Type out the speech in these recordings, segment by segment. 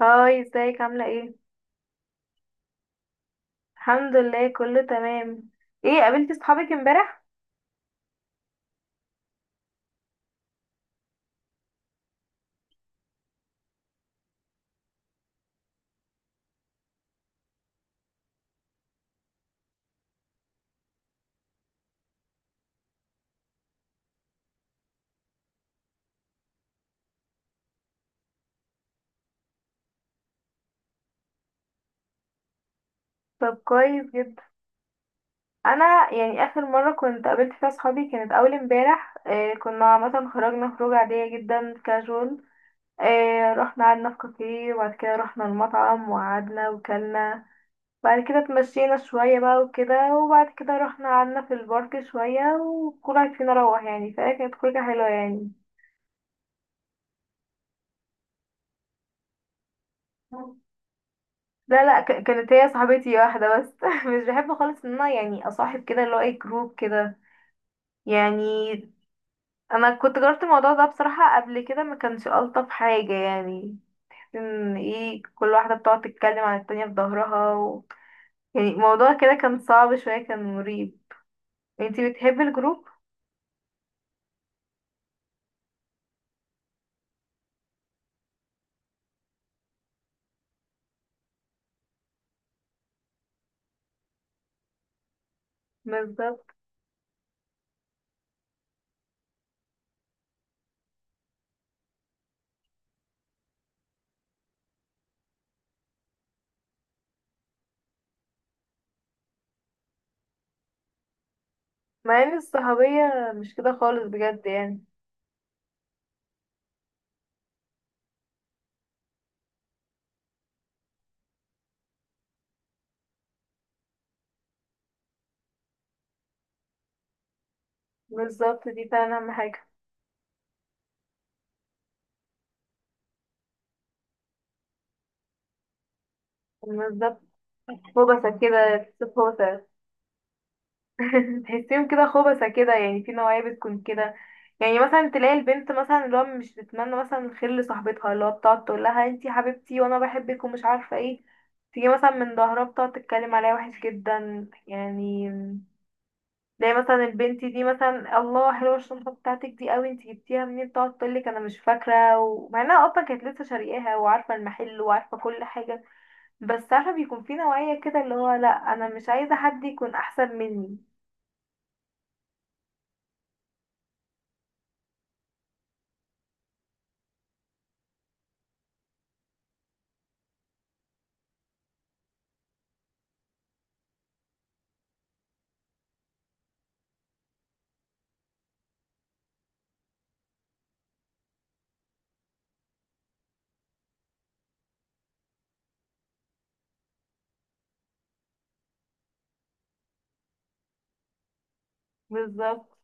هاي، ازيك؟ عاملة ايه؟ الحمد لله، كله تمام. ايه، قابلتي صحابك امبارح؟ طب كويس جدا. انا يعني اخر مرة كنت قابلت فيها صحابي كانت اول امبارح، إيه كنا عامة خرجنا خروج عادية جدا، كاجوال. إيه، رحنا قعدنا في كافيه وبعد كده رحنا المطعم وقعدنا وكلنا. بعد كده اتمشينا شوية بقى وكده، وبعد كده رحنا قعدنا في البارك شوية، وكل واحد فينا روح، يعني فكانت خروجة حلوة يعني. لا لا، كانت هي صاحبتي واحدة بس مش بحب خالص ان انا يعني اصاحب كده اللي هو اي جروب كده يعني. انا كنت جربت الموضوع ده بصراحة قبل كده، ما كانش الطف حاجة يعني. ان ايه، كل واحدة بتقعد تتكلم عن التانية في ظهرها يعني الموضوع كده كان صعب شوية، كان مريب. انتي بتحبي الجروب؟ بالظبط، مع ان الصحوبية مش كده خالص بجد يعني. بالظبط، دي فعلا اهم حاجة. بالظبط، هو بس كده. هو تحسيهم كده خبثة كده، يعني في نوعية بتكون كده. يعني مثلا تلاقي البنت مثلا اللي هو مش بتتمنى مثلا الخير لصاحبتها، اللي هو بتقعد تقول لها انتي حبيبتي وانا بحبك ومش عارفة ايه. تيجي مثلا من ظهرها بتقعد تتكلم عليها وحش جدا يعني. تلاقي مثلا البنت دي مثلا، الله حلوة الشنطة بتاعتك دي قوي، انتي جبتيها منين؟ تقعد تقولك انا مش فاكرة، ومع انها اصلا كانت لسه شارياها وعارفة المحل وعارفة كل حاجة. بس عارفة بيكون في نوعية كده اللي هو لا، انا مش عايزة حد يكون احسن مني. بالظبط،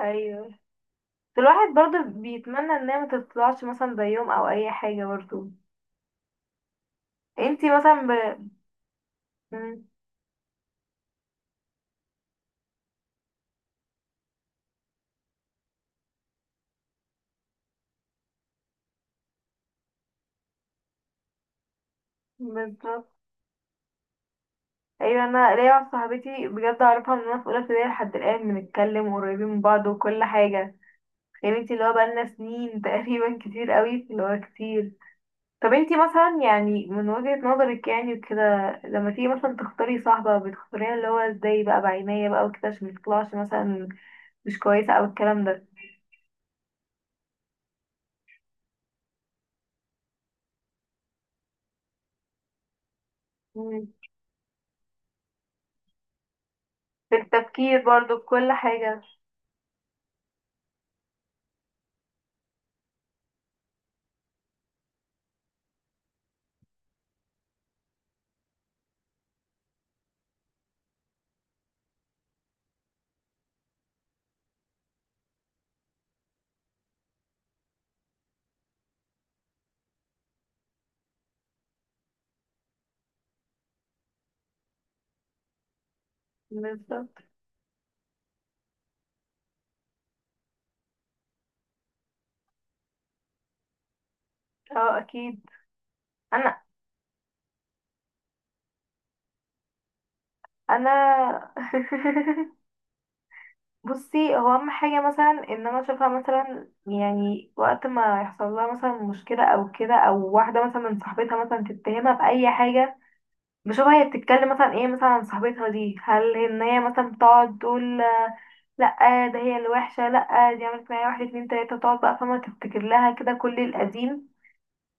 ايوه. الواحد برضه بيتمنى ان هي ما تطلعش مثلا زيهم او اي حاجه برضه. انتي مثلا مم، بالظبط. ايوه، انا ليا واحده صاحبتي بجد اعرفها من وانا في اولى ابتدائي لحد الان، بنتكلم قريبين من بعض وكل حاجه. يعني انتي اللي هو بقالنا سنين تقريبا كتير قوي اللي هو كتير. طب انتي مثلا يعني من وجهه نظرك يعني وكده، لما تيجي مثلا تختاري صاحبه بتختاريها اللي هو ازاي بقى، بعناية بقى وكده، عشان ما تطلعش مثلا مش كويسه، او الكلام ده. بالتفكير برضو، بكل حاجة. بالظبط، اه اكيد. انا انا بصي هو اهم حاجة مثلا ان انا اشوفها مثلا يعني وقت ما يحصل لها مثلا مشكلة او كده، او واحدة مثلا من صاحبتها مثلا تتهمها بأي حاجة. بشوفها هي بتتكلم مثلا ايه مثلا عن صاحبتها دي، هل ان هي مثلا بتقعد تقول آه، لا، ده هي الوحشة، لا، دي عملت معايا واحد اتنين تلاتة، تقعد بقى فما تفتكر لها كده كل القديم.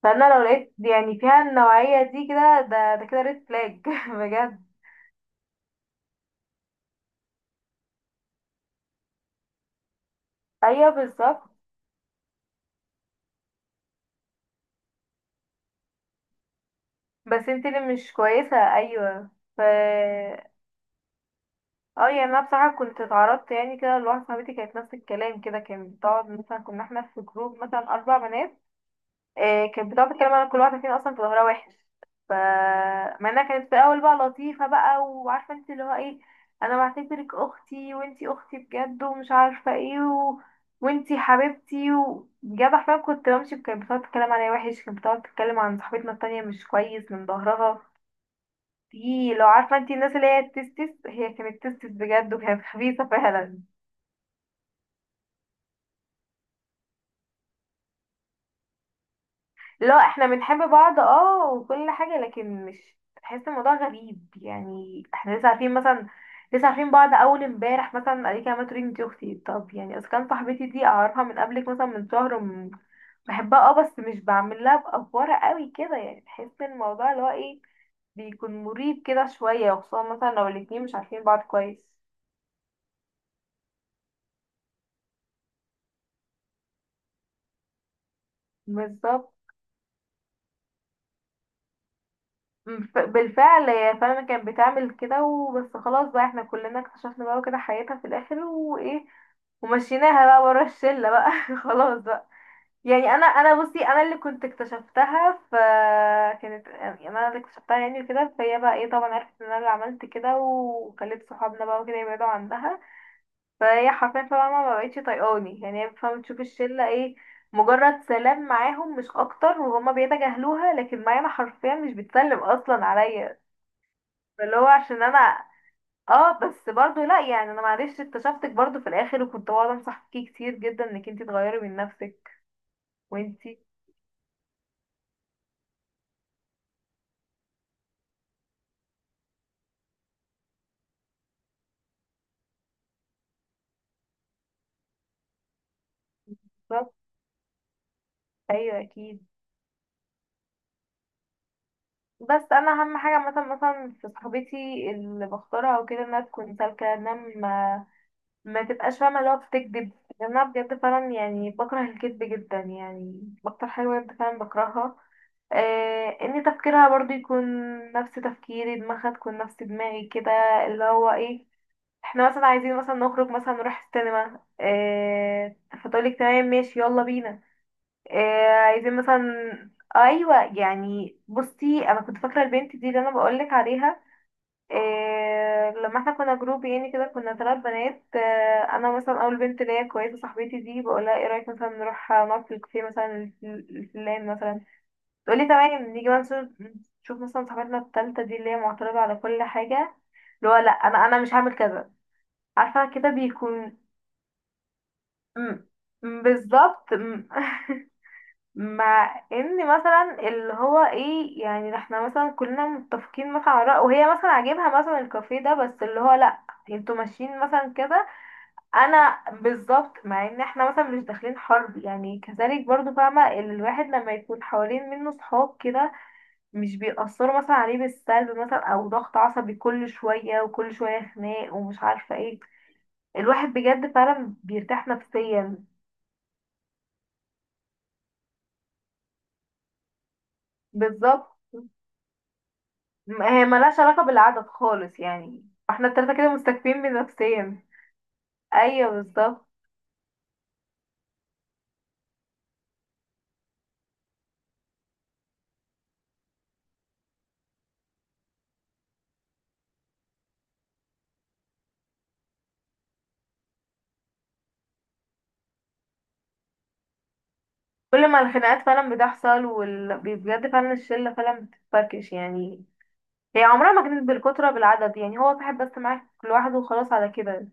فانا لو لقيت يعني فيها النوعية دي كده ده كده، ريد فلاج بجد. ايوه بالظبط، بس انت اللي مش كويسة، ايوه. ف، اه يعني انا بصراحة كنت اتعرضت يعني كده لواحدة صاحبتي، كانت نفس الكلام كده، كانت بتقعد مثلا كنا احنا في جروب مثلا اربع بنات. آه، كانت بتقعد تتكلم عن كل واحدة فينا أصلا في ظهرها وحش. ف مع انها كانت في الأول بقى لطيفة بقى، وعارفة انت اللي هو ايه، أنا بعتبرك أختي وانتي أختي بجد ومش عارفة ايه وانتي حبيبتي. وبجد حرفيا كنت بمشي، كانت بتقعد تتكلم عليا وحش، كانت بتقعد تتكلم عن صاحبتنا التانية مش كويس من ظهرها. دي لو عارفة انتي الناس اللي هي التستس، هي كانت تستس بجد وكانت خبيثة فعلا. لا احنا بنحب بعض اه وكل حاجة، لكن مش بحس الموضوع غريب يعني، احنا لسه عارفين مثلا، لسه عارفين بعض اول امبارح. مثلا قالت لي، ما تقولي انتي اختي، طب يعني اذا كان صاحبتي دي اعرفها من قبلك مثلا من شهر، بحبها اه، بس مش بعمل لها بأفورة قوي كده يعني. بحس ان الموضوع اللي هو ايه، بيكون مريب كده شوية، وخصوصا مثلا لو الاتنين مش عارفين بعض كويس. بالظبط. بالفعل هي فعلا كانت بتعمل كده، وبس خلاص بقى احنا كلنا اكتشفنا بقى كده حياتها في الاخر وايه، ومشيناها بقى ورا الشلة بقى خلاص بقى. يعني انا بصي، انا اللي كنت اكتشفتها، فكانت يعني انا اللي اكتشفتها يعني كده، فهي بقى ايه، طبعا عرفت ان انا اللي عملت كده وخليت صحابنا بقى وكده يبعدوا عنها. فهي حرفيا طبعا ما بقتش طايقاني يعني، هي فاهمة تشوف الشلة ايه، مجرد سلام معاهم مش اكتر وهما بيتجاهلوها، لكن معايا انا حرفيا مش بتسلم اصلا عليا. اللي هو عشان انا، اه بس برضو لا يعني انا معلش اكتشفتك برضو في الاخر، وكنت بقعد انصح فيكي كتير جدا انك انتي تغيري من نفسك. وانتي بالظبط، ايوه اكيد. بس انا اهم حاجه مثلا في صاحبتي اللي بختارها وكده، انها تكون سالكه، انها ما تبقاش فاهمه اللي هو بتكذب. لان انا بجد فعلا يعني بكره الكذب جدا يعني، اكتر حاجه بجد فعلا بكرهها. آه، ان تفكيرها برضو يكون نفس تفكيري، دماغها تكون نفس دماغي كده، اللي هو ايه، احنا مثلا عايزين مثلا نخرج مثلا نروح السينما اه. فتقولك تمام ماشي، يلا بينا. اه عايزين مثلا، ايوه يعني بصي انا كنت فاكره البنت دي اللي انا بقولك عليها. اه لما احنا كنا جروب يعني كده كنا ثلاث بنات اه. انا مثلا اول بنت اللي هي كويسه صاحبتي دي بقولها ايه رايك مثلا نروح نقعد في الكافيه مثلا الفلان مثلا. تقولي تمام نيجي مثلا، نشوف مثلا صاحبتنا التالتة دي اللي هي معترضه على كل حاجه، اللي هو لا، انا مش هعمل كذا. عارفة كده بيكون م- بالظبط مع ان مثلا اللي هو ايه يعني احنا مثلا كلنا متفقين مثلا على رأي، وهي مثلا عاجبها مثلا الكافيه ده، بس اللي هو لا، انتوا ماشيين مثلا كده. انا بالظبط، مع ان احنا مثلا مش داخلين حرب يعني كذلك، برضو فاهمة الواحد لما يكون حوالين منه صحاب كده، مش بيأثروا مثلا عليه بالسلب، مثلا او ضغط عصبي كل شوية وكل شوية خناق ومش عارفة ايه. الواحد بجد فعلا بيرتاح نفسيا. بالظبط، هي ملهاش علاقة بالعدد خالص يعني، احنا التلاتة كده مستكفين بنفسيا. ايوه بالظبط، كل ما الخناقات فعلا بتحصل بجد فعلا الشلة فعلا بتتفركش يعني. هي عمرها ما كانت بالكترة بالعدد يعني، هو صاحب بس معاك لوحده وخلاص على كده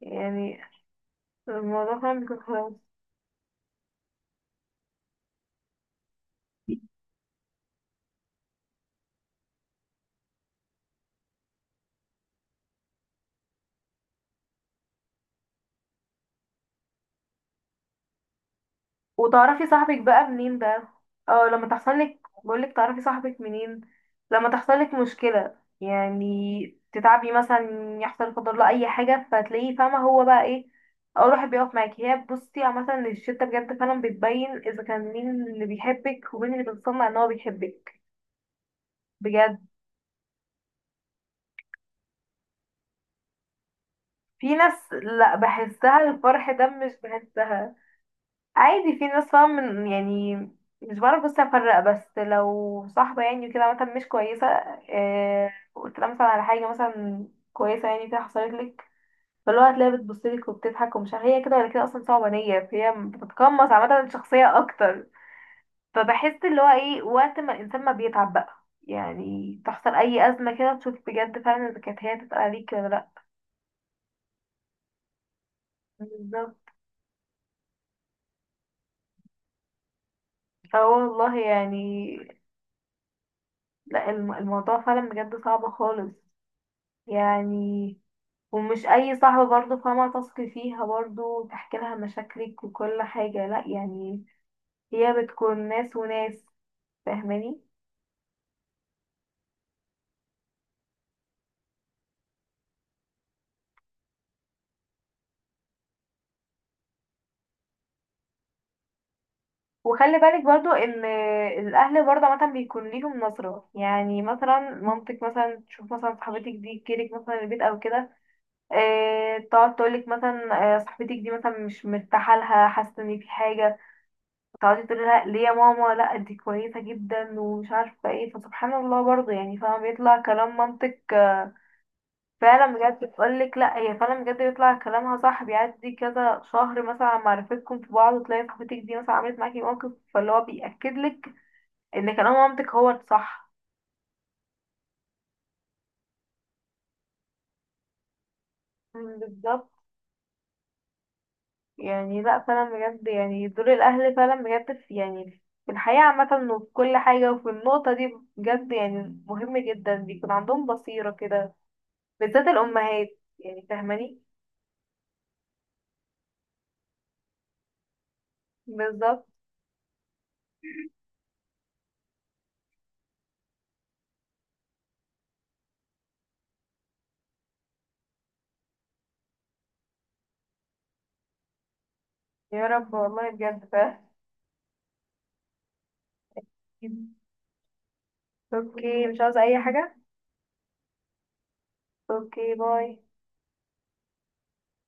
يعني، الموضوع فعلا بيكون خلاص. وتعرفي صاحبك بقى منين بقى؟ اه، لما تحصل لك، بقولك تعرفي صاحبك منين، لما تحصل لك مشكلة يعني، تتعبي مثلا، يحصل لا قدر الله اي حاجة، فتلاقيه فاهمة هو بقى ايه، اول واحد بيقف معاكي. هي بصي عامة الشتا بجد فعلا بتبين اذا كان مين اللي بيحبك ومين اللي بتصنع ان هو بيحبك بجد. في ناس لا، بحسها الفرح ده مش بحسها، عادي، في ناس فاهم من يعني. مش بعرف بس افرق، بس لو صاحبة يعني وكده مثلا مش كويسة، آه قلت لها مثلا على حاجة مثلا كويسة يعني كده حصلت لك، فاللي هو هتلاقيها بتبصلك وبتضحك ومش عارفة هي كده ولا كده، اصلا صعبة نية، فهي بتتقمص عامة الشخصية اكتر. فبحس اللي هو ايه، وقت ما الانسان ما بيتعب بقى يعني، تحصل اي ازمة كده تشوف بجد فعلا اذا كانت هي تتقل عليك ولا لا. بالظبط، اه والله يعني. لا، الموضوع فعلا بجد صعب خالص يعني. ومش اي صاحبة برضو فاهمة تثقي فيها برضو تحكي لها مشاكلك وكل حاجة، لا يعني، هي بتكون ناس وناس، فاهماني. وخلي بالك برضو ان الاهل برضو عامة بيكون ليهم نظرة، يعني مثلا مامتك مثلا تشوف مثلا صاحبتك دي تجيلك مثلا البيت او كده، آه تقعد تقولك مثلا آه، صاحبتك دي مثلا مش مرتاحة لها، حاسة ان في حاجة. تقعدي تقولي لها ليه يا ماما، لا دي كويسة جدا ومش عارفة ايه، فسبحان الله برضو يعني فاهمة بيطلع كلام مامتك. فعلا بجد بتقولك لا، هي فعلا بجد بيطلع كلامها صح، بيعدي كذا شهر مثلا على معرفتكم في بعض، وتلاقي صاحبتك دي مثلا عملت معاكي موقف، فاللي هو بيأكد لك ان كلام مامتك هو الصح. مم، بالظبط. يعني لا فعلا بجد يعني دور الاهل فعلا بجد في يعني في الحياة عامة، وفي كل حاجة وفي النقطة دي بجد يعني مهم جدا، بيكون عندهم بصيرة كده، بالذات الأمهات. يعني فاهماني. بالظبط، يا رب والله بجد فاهم اوكي، مش عاوزة أي حاجة. اوكي، باي.